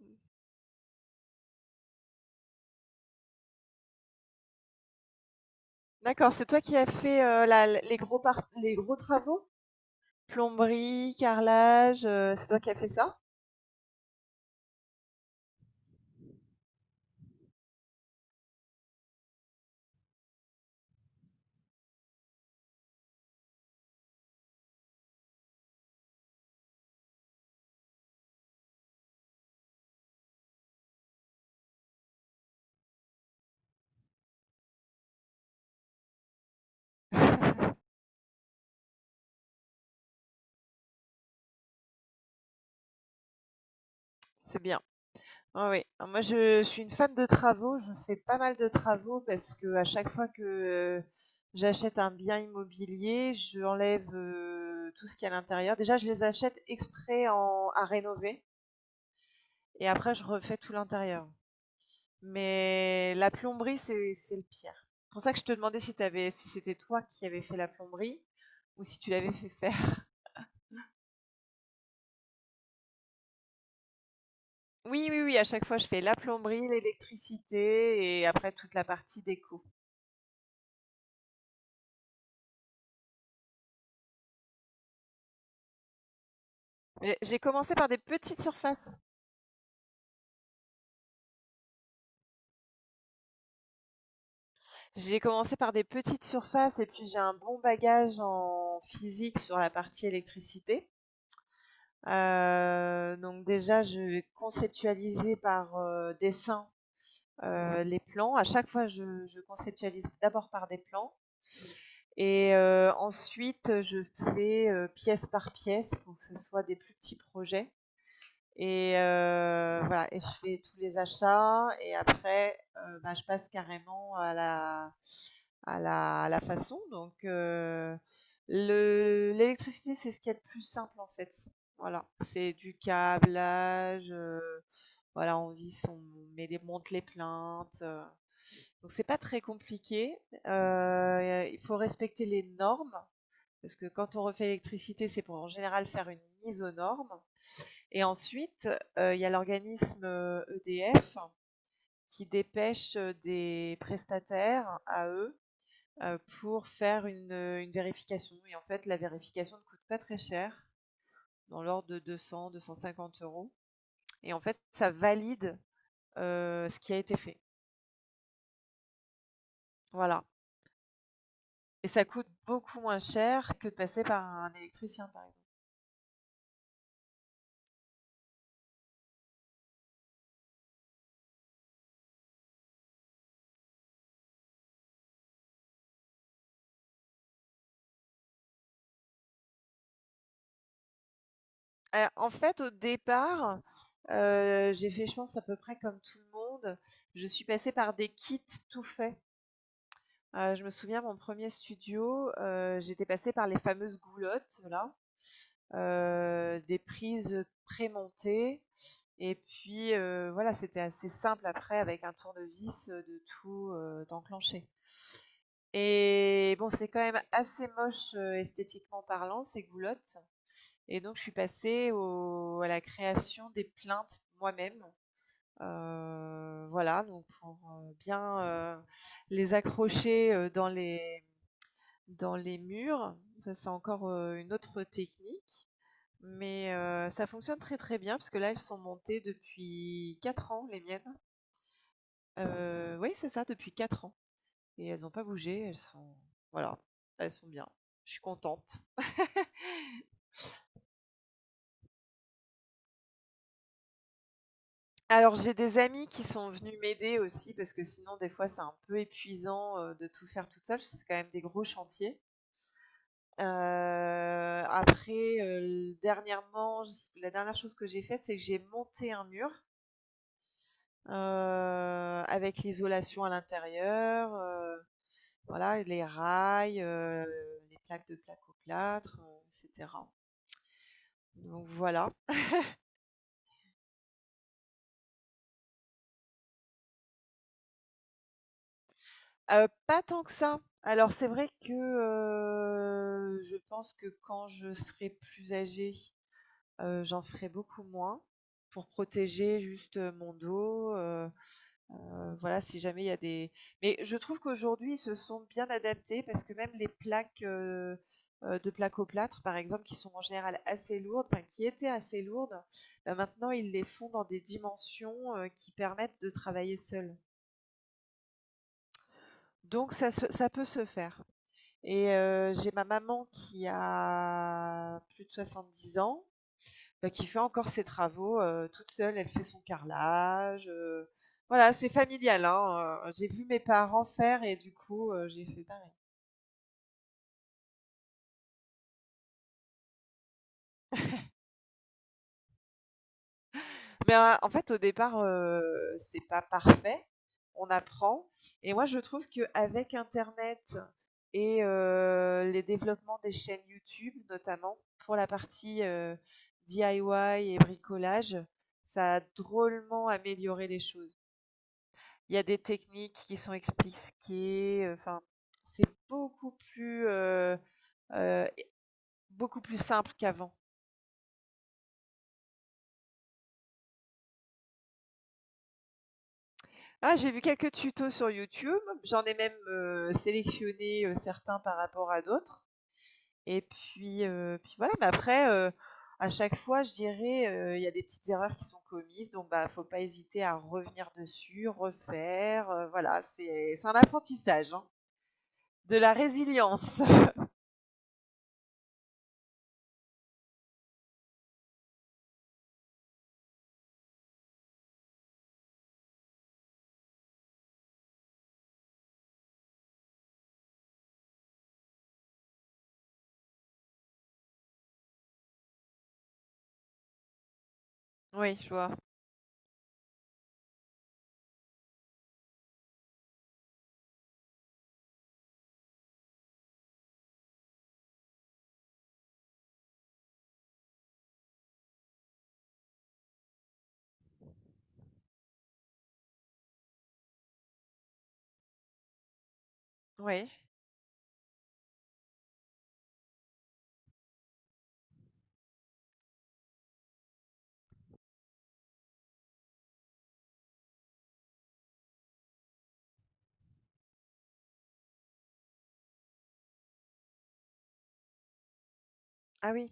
Mmh. D'accord, c'est toi qui as fait, la l les gros part les gros travaux? Plomberie, carrelage, c'est toi qui as fait ça? C'est bien. Ah oui. Ah, moi je suis une fan de travaux, je fais pas mal de travaux parce que à chaque fois que j'achète un bien immobilier, j'enlève tout ce qu'il y a à l'intérieur. Déjà, je les achète exprès à rénover et après je refais tout l'intérieur. Mais la plomberie, c'est le pire. C'est pour ça que je te demandais si t'avais, si c'était toi qui avais fait la plomberie ou si tu l'avais fait faire. Oui, oui, oui, à chaque fois je fais la plomberie, l'électricité et après toute la partie déco. J'ai commencé par des petites surfaces. J'ai commencé par des petites surfaces et puis j'ai un bon bagage en physique sur la partie électricité. Donc déjà, je vais conceptualiser par, dessin, les plans. À chaque fois, je conceptualise d'abord par des plans, et ensuite je fais, pièce par pièce pour que ce soit des plus petits projets, et voilà, et je fais tous les achats, et après, bah, je passe carrément à la façon. Donc, le l'électricité, c'est ce qu'il y a de plus simple, en fait. Voilà, c'est du câblage, voilà, on visse, on met des monte les plaintes, donc c'est pas très compliqué. Il faut respecter les normes parce que quand on refait l'électricité, c'est pour, en général, faire une mise aux normes, et ensuite, il y a l'organisme, EDF, qui dépêche des prestataires à eux, pour faire une vérification, et en fait la vérification ne coûte pas très cher, dans l'ordre de 200-250 euros, et en fait ça valide, ce qui a été fait. Voilà. Et ça coûte beaucoup moins cher que de passer par un électricien, par exemple. En fait, au départ, j'ai fait, je pense, à peu près comme tout le monde. Je suis passée par des kits tout faits. Je me souviens, mon premier studio, j'étais passée par les fameuses goulottes là, des prises prémontées. Et puis, voilà, c'était assez simple après, avec un tournevis, de tout, d'enclencher. Et bon, c'est quand même assez moche, esthétiquement parlant, ces goulottes. Et donc je suis passée au à la création des plinthes moi-même, voilà, donc pour, bien, heu, les accrocher, dans les murs. Ça, c'est encore, une autre technique, mais ça fonctionne très, très bien parce que là, elles sont montées depuis 4 ans, les miennes. Oui, c'est ça, depuis 4 ans, et elles n'ont pas bougé, elles sont, voilà, elles sont bien. Je suis contente. Alors j'ai des amis qui sont venus m'aider aussi, parce que sinon des fois c'est un peu épuisant, de tout faire toute seule, c'est quand même des gros chantiers. Heu, Après, dernièrement, la dernière chose que j'ai faite, c'est que j'ai monté un mur, avec l'isolation à l'intérieur, voilà, les rails, les plaques de plaques au plâtre, etc. Donc voilà. Pas tant que ça. Alors c'est vrai que je pense que quand je serai plus âgée, j'en ferai beaucoup moins pour protéger juste mon dos. Voilà, si jamais il y a des mais je trouve qu'aujourd'hui, ils se sont bien adaptés parce que même les plaques, de plaques au plâtre, par exemple, qui sont en général assez lourdes, enfin qui étaient assez lourdes, bah, maintenant ils les font dans des dimensions, qui permettent de travailler seul. Donc ça peut se faire. Et j'ai ma maman qui a plus de 70 ans, bah, qui fait encore ses travaux toute seule. Elle fait son carrelage. Voilà, c'est familial, hein, j'ai vu mes parents faire et du coup, j'ai fait pareil. Mais en fait, au départ, c'est pas parfait. On apprend. Et moi, je trouve qu'avec Internet et les développements des chaînes YouTube, notamment pour la partie DIY et bricolage, ça a drôlement amélioré les choses. Il y a des techniques qui sont expliquées, enfin, c'est heu, beaucoup plus simple qu'avant. Ah, j'ai vu quelques tutos sur YouTube, j'en ai même, sélectionné, certains par rapport à d'autres, et puis, voilà, mais après, à chaque fois, je dirais, il y a des petites erreurs qui sont commises, donc bah, faut pas hésiter à revenir dessus, refaire, voilà, c'est un apprentissage, hein. De la résilience. Oui, je vois. Oui. Ah oui.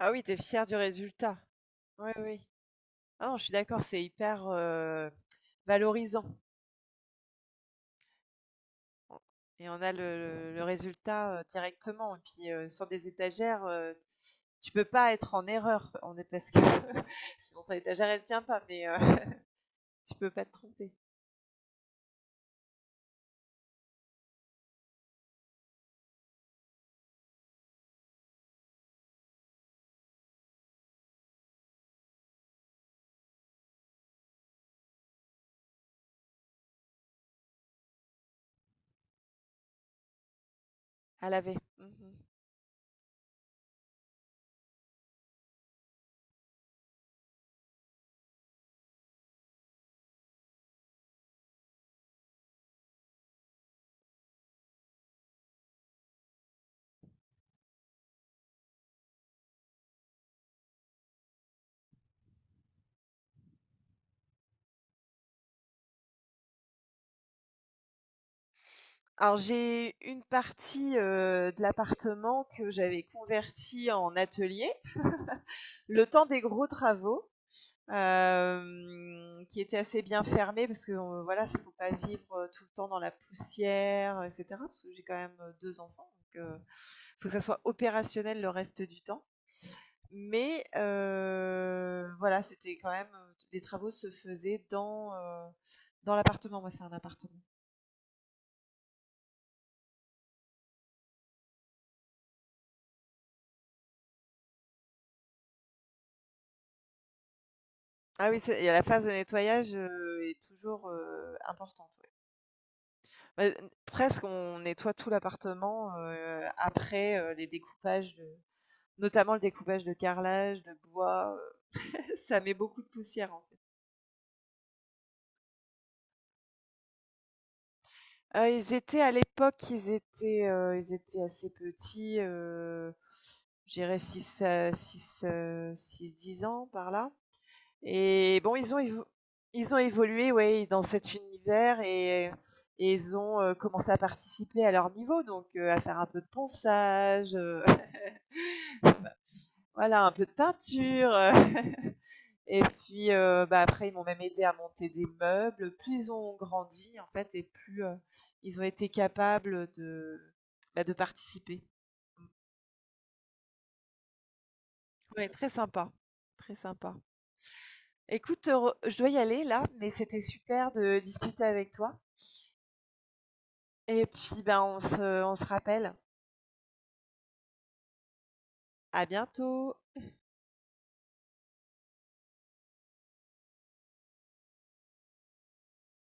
Ah oui, t'es fier du résultat. Oui, oui. Ah non, je suis d'accord, c'est hyper, valorisant, et on a le résultat, directement, et puis, sur des étagères, tu peux pas être en erreur. On est parce que sinon ton étagère, elle tient pas, mais, tu peux pas te tromper à laver. Mmh. Alors j'ai une partie, de l'appartement que j'avais convertie en atelier, le temps des gros travaux, qui était assez bien fermée, parce que voilà, il ne faut pas vivre tout le temps dans la poussière, etc. Parce que j'ai quand même deux enfants, donc il faut que ça soit opérationnel le reste du temps. Mais voilà, c'était quand même, les travaux se faisaient dans l'appartement. Moi, c'est un appartement. Ah oui, et la phase de nettoyage est toujours importante, ouais. Bah, presque, on nettoie tout l'appartement après, notamment le découpage de carrelage, de bois, ça met beaucoup de poussière, en fait. Ils étaient, à l'époque, ils étaient assez petits, je dirais 6, 6 ans par là. Et bon, ils ont évolué, ouais, dans cet univers, et ils ont, commencé à participer à leur niveau, donc, à faire un peu de ponçage, voilà, un peu de peinture, Et puis, bah, après, ils m'ont même aidé à monter des meubles. Plus ils ont grandi, en fait, et plus, ils ont été capables, bah, de participer. Mmh. Ouais, très sympa, très sympa. Écoute, re je dois y aller là, mais c'était super de discuter avec toi, et puis, ben, on se rappelle. À bientôt.